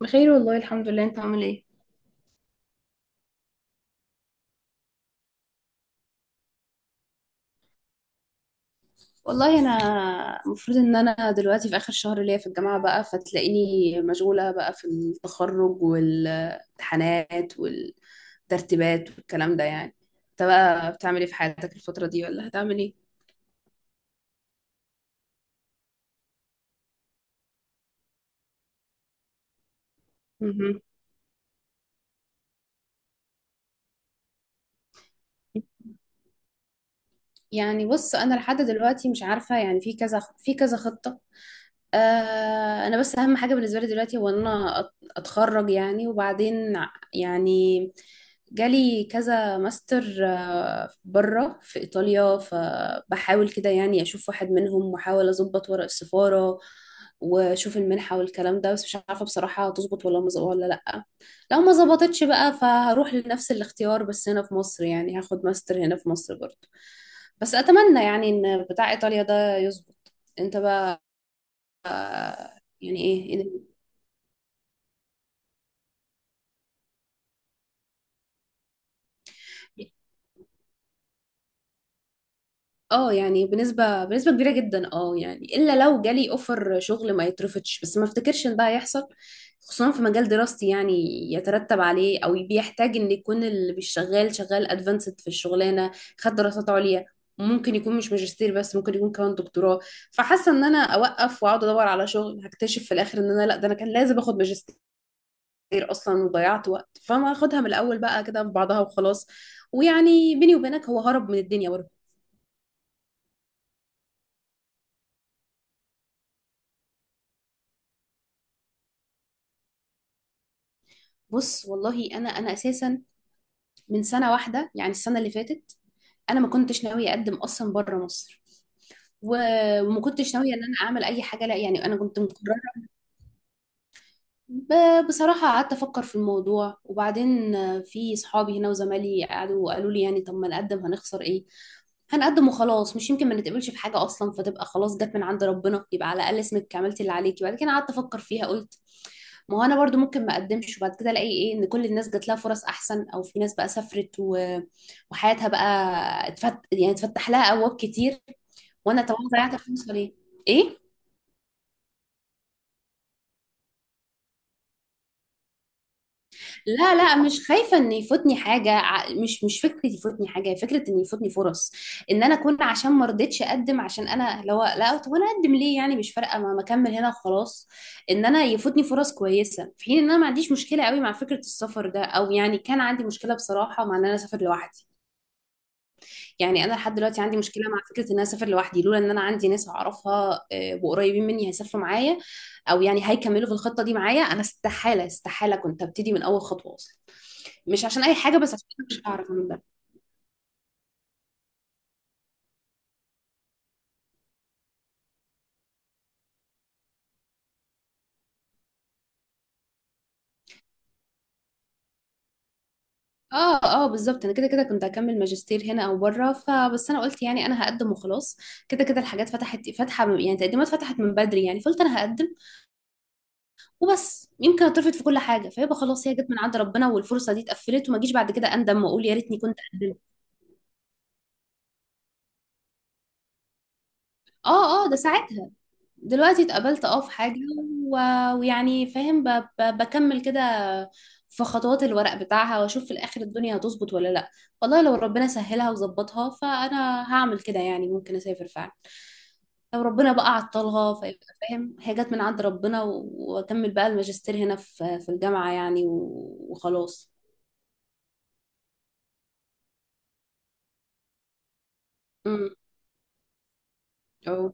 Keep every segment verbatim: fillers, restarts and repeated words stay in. بخير والله الحمد لله، انت عامل ايه؟ والله انا المفروض ان انا دلوقتي في اخر شهر ليا في الجامعه بقى، فتلاقيني مشغوله بقى في التخرج والامتحانات والترتيبات والكلام ده يعني. انت بقى بتعمل ايه في حياتك الفتره دي، ولا هتعمل ايه؟ مهم. يعني بص، انا لحد دلوقتي مش عارفه، يعني في كذا، في كذا خطه. آه، انا بس اهم حاجه بالنسبه لي دلوقتي هو ان انا أت- اتخرج يعني، وبعدين ع- يعني جالي كذا ماستر، آه، بره في ايطاليا، فبحاول كده يعني اشوف واحد منهم واحاول اظبط ورق السفاره واشوف المنحه والكلام ده، بس مش عارفه بصراحه هتظبط ولا ما ز- ولا لا. لو ما ظبطتش بقى فهروح لنفس الاختيار بس هنا في مصر، يعني هاخد ماستر هنا في مصر برضه، بس اتمنى يعني ان بتاع ايطاليا ده يظبط. انت بقى؟ يعني ايه إذا؟ اه يعني بنسبة بنسبة كبيرة جدا، اه يعني الا لو جالي اوفر شغل ما يترفضش، بس ما افتكرش ان ده هيحصل، خصوصا في مجال دراستي يعني، يترتب عليه او بيحتاج ان يكون اللي بيشتغل شغال ادفانسد في الشغلانة، خد دراسات عليا، ممكن يكون مش ماجستير بس ممكن يكون كمان دكتوراه. فحاسة ان انا اوقف واقعد ادور على شغل، هكتشف في الاخر ان انا، لا، ده انا كان لازم اخد ماجستير اصلا وضيعت وقت، فما اخدها من الاول بقى كده في بعضها وخلاص. ويعني بيني وبينك هو هرب من الدنيا. بص والله انا انا اساسا من سنه واحده يعني السنه اللي فاتت، انا ما كنتش ناويه اقدم اصلا بره مصر، و- وما كنتش ناويه ان انا اعمل اي حاجه، لا يعني انا كنت مقرره. ب- بصراحه قعدت افكر في الموضوع، وبعدين آه، في صحابي هنا وزمالي قعدوا قالوا لي يعني طب ما نقدم، هنخسر ايه؟ هنقدم وخلاص، مش يمكن ما نتقبلش في حاجه اصلا، فتبقى خلاص جت من عند ربنا، يبقى على الاقل اسمك عملتي اللي عليكي. بعد كده قعدت افكر فيها قلت ما هو انا برضو ممكن ما اقدمش وبعد كده الاقي ايه، ان كل الناس جات لها فرص احسن، او في ناس بقى سافرت و... وحياتها بقى اتفت... يعني اتفتح لها ابواب كتير، وانا طبعا ضيعت الفرصه ليه؟ ايه. لا لا، مش خايفه ان يفوتني حاجه، ع- مش مش فكره يفوتني حاجه، هي فكره ان يفوتني فرص، ان انا اكون عشان ما رضيتش اقدم، عشان انا لو لا طب انا اقدم ليه يعني؟ مش فارقه، ما ما اكمل هنا وخلاص. ان انا يفوتني فرص كويسه، في حين ان انا ما عنديش مشكله قوي مع فكره السفر ده، او يعني كان عندي مشكله بصراحه مع ان انا اسافر لوحدي. يعني انا لحد دلوقتي عندي مشكله مع فكره ان انا اسافر لوحدي، لولا ان انا عندي ناس اعرفها آه، وقريبين مني هيسافروا معايا او يعني هيكملوا في الخطه دي معايا، انا استحاله استحاله كنت ابتدي من اول خطوه اصلا. مش عشان اي حاجه، بس عشان أنا مش هعرف اعمل ده. اه اه بالظبط، انا كده كده كنت هكمل ماجستير هنا او بره، فبس انا قلت يعني انا هقدم وخلاص، كده كده الحاجات فتحت فاتحه، يعني التقديمات فتحت من بدري، يعني فقلت انا هقدم وبس، يمكن اترفض في كل حاجه فيبقى خلاص هي جت من عند ربنا والفرصه دي اتقفلت، وما اجيش بعد كده اندم واقول يا ريتني كنت قدمت. اه اه، ده ساعتها. دلوقتي اتقابلت اه في حاجة و... ويعني فاهم ب... ب... بكمل كده في خطوات الورق بتاعها واشوف في الاخر الدنيا هتظبط ولا لا. والله لو ربنا سهلها وظبطها فانا هعمل كده، يعني ممكن اسافر فعلا. لو ربنا بقى عطلها فيبقى فاهم هي جت من عند ربنا، و... واكمل بقى الماجستير هنا في في الجامعة يعني و... وخلاص. امم اه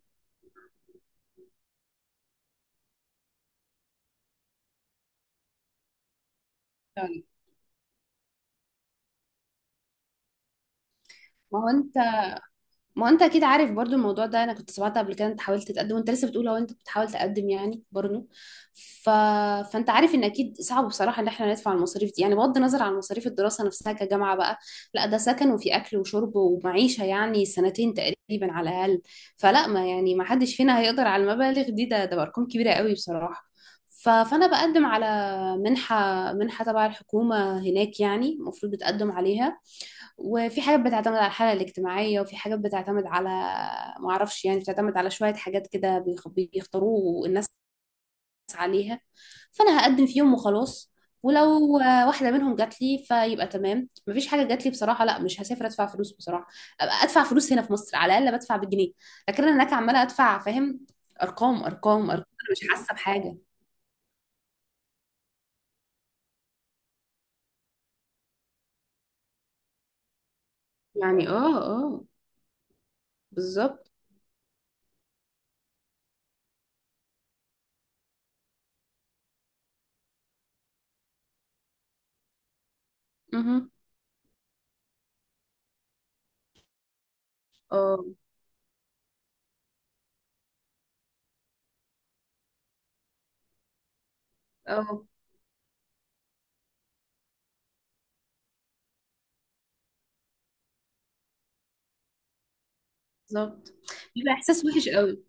فعلا. ما هو انت ما انت اكيد عارف برضو الموضوع ده، انا كنت سمعت قبل كده انت حاولت تقدم وانت لسه بتقول هو انت بتحاول تقدم يعني برضو. ف... فانت عارف ان اكيد صعب بصراحه ان احنا ندفع المصاريف دي، يعني بغض النظر عن مصاريف الدراسه نفسها كجامعه بقى، لا ده سكن وفي اكل وشرب ومعيشه يعني سنتين تقريبا على الاقل. فلا ما يعني ما حدش فينا هيقدر على المبالغ دي، ده ده ارقام كبيره قوي بصراحه. ف... فانا بقدم على منحه منحه تبع الحكومه هناك، يعني المفروض بتقدم عليها، وفي حاجات بتعتمد على الحالة الاجتماعية، وفي حاجات بتعتمد على، معرفش يعني، بتعتمد على شوية حاجات كده بيخ- بيختاروه الناس عليها، فأنا هقدم فيهم وخلاص. ولو واحدة منهم جات لي فيبقى تمام، مفيش حاجة جات لي بصراحة لا مش هسافر أدفع فلوس بصراحة، أبقى أدفع فلوس هنا في مصر على الأقل بدفع بالجنيه، لكن أنا هناك عمالة أدفع فاهم؟ أرقام أرقام أرقام، أنا مش حاسة بحاجة. يعني اه اه بالظبط. مهم. اه اه بالظبط، بيبقى إحساس وحش قوي.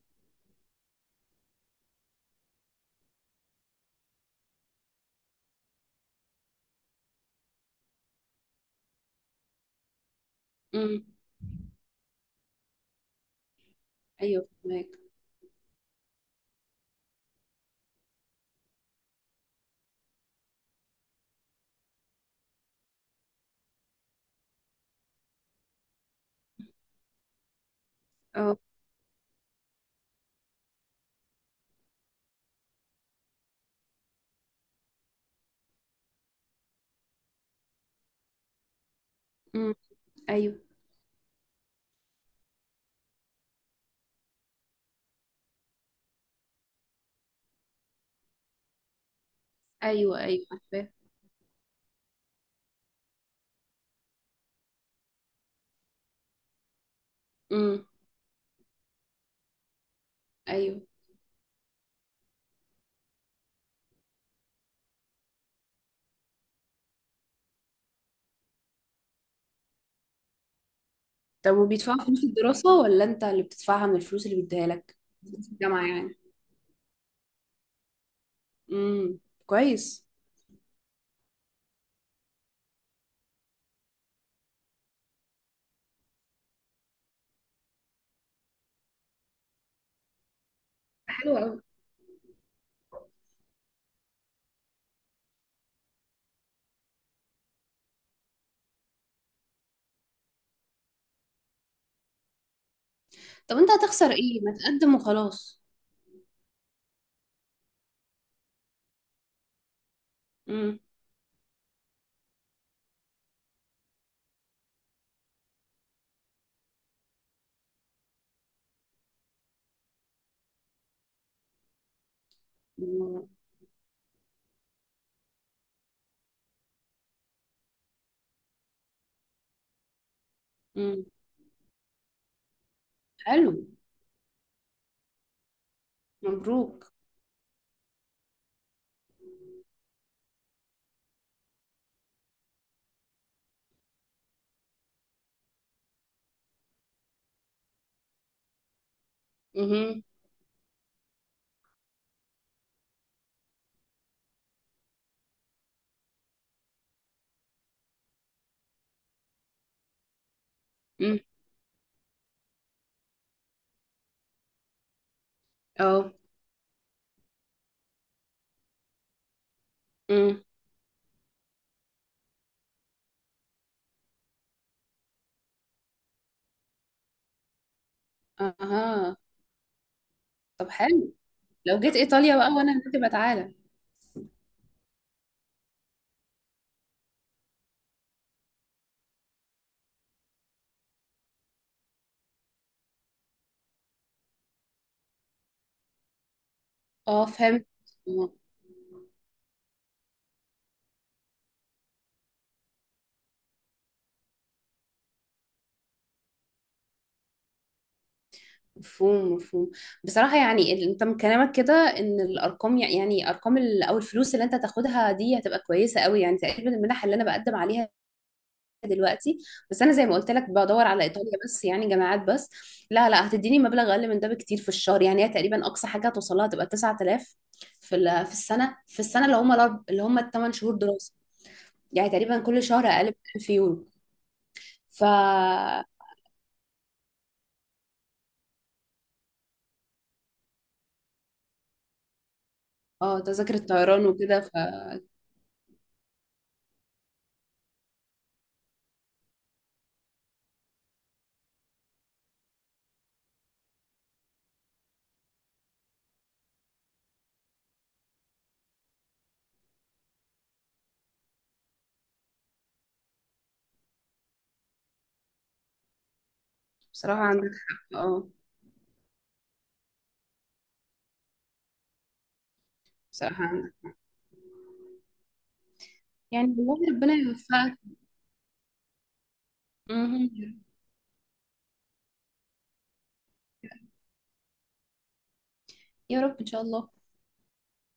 مم. ايوه فهمك. اه. امم. ايوه، ايوه ايوه عارفاه. امم. ايوه. طب وبيدفعوا فلوس الدراسة ولا انت اللي بتدفعها من الفلوس اللي بيديها لك؟ في الجامعة يعني. امم. كويس. حلو قوي. طب انت هتخسر ايه، ما تقدم وخلاص؟ امم. امم. حلو. مبروك. امم. امم. اه. امم. اها. طب حلو، لو جيت ايطاليا بقى وانا هناك تبقى تعالى. اه فهمت. آه. مفهوم مفهوم. بصراحة يعني ال- انت من كلامك كده ان الارقام يع- يعني ارقام ال- او الفلوس اللي انت هتاخدها دي هتبقى كويسة قوي، يعني تقريبا المنح اللي انا بقدم عليها دلوقتي، بس انا زي ما قلت لك بدور على ايطاليا بس يعني جامعات بس، لا لا هتديني مبلغ اقل من ده بكتير في الشهر، يعني هي تقريبا اقصى حاجة هتوصل لها تبقى تسعة آلاف في ال- في السنة، في السنة اللي هم الأرب- اللي هم الثمان شهور دراسة. يعني تقريبا كل شهر اقل من ألف يورو. ف اه، تذاكر الطيران وكده. فبصراحة عندك حق، اه بصراحة. يعني والله ربنا يوفقك. مهم. يا رب ان شاء الله.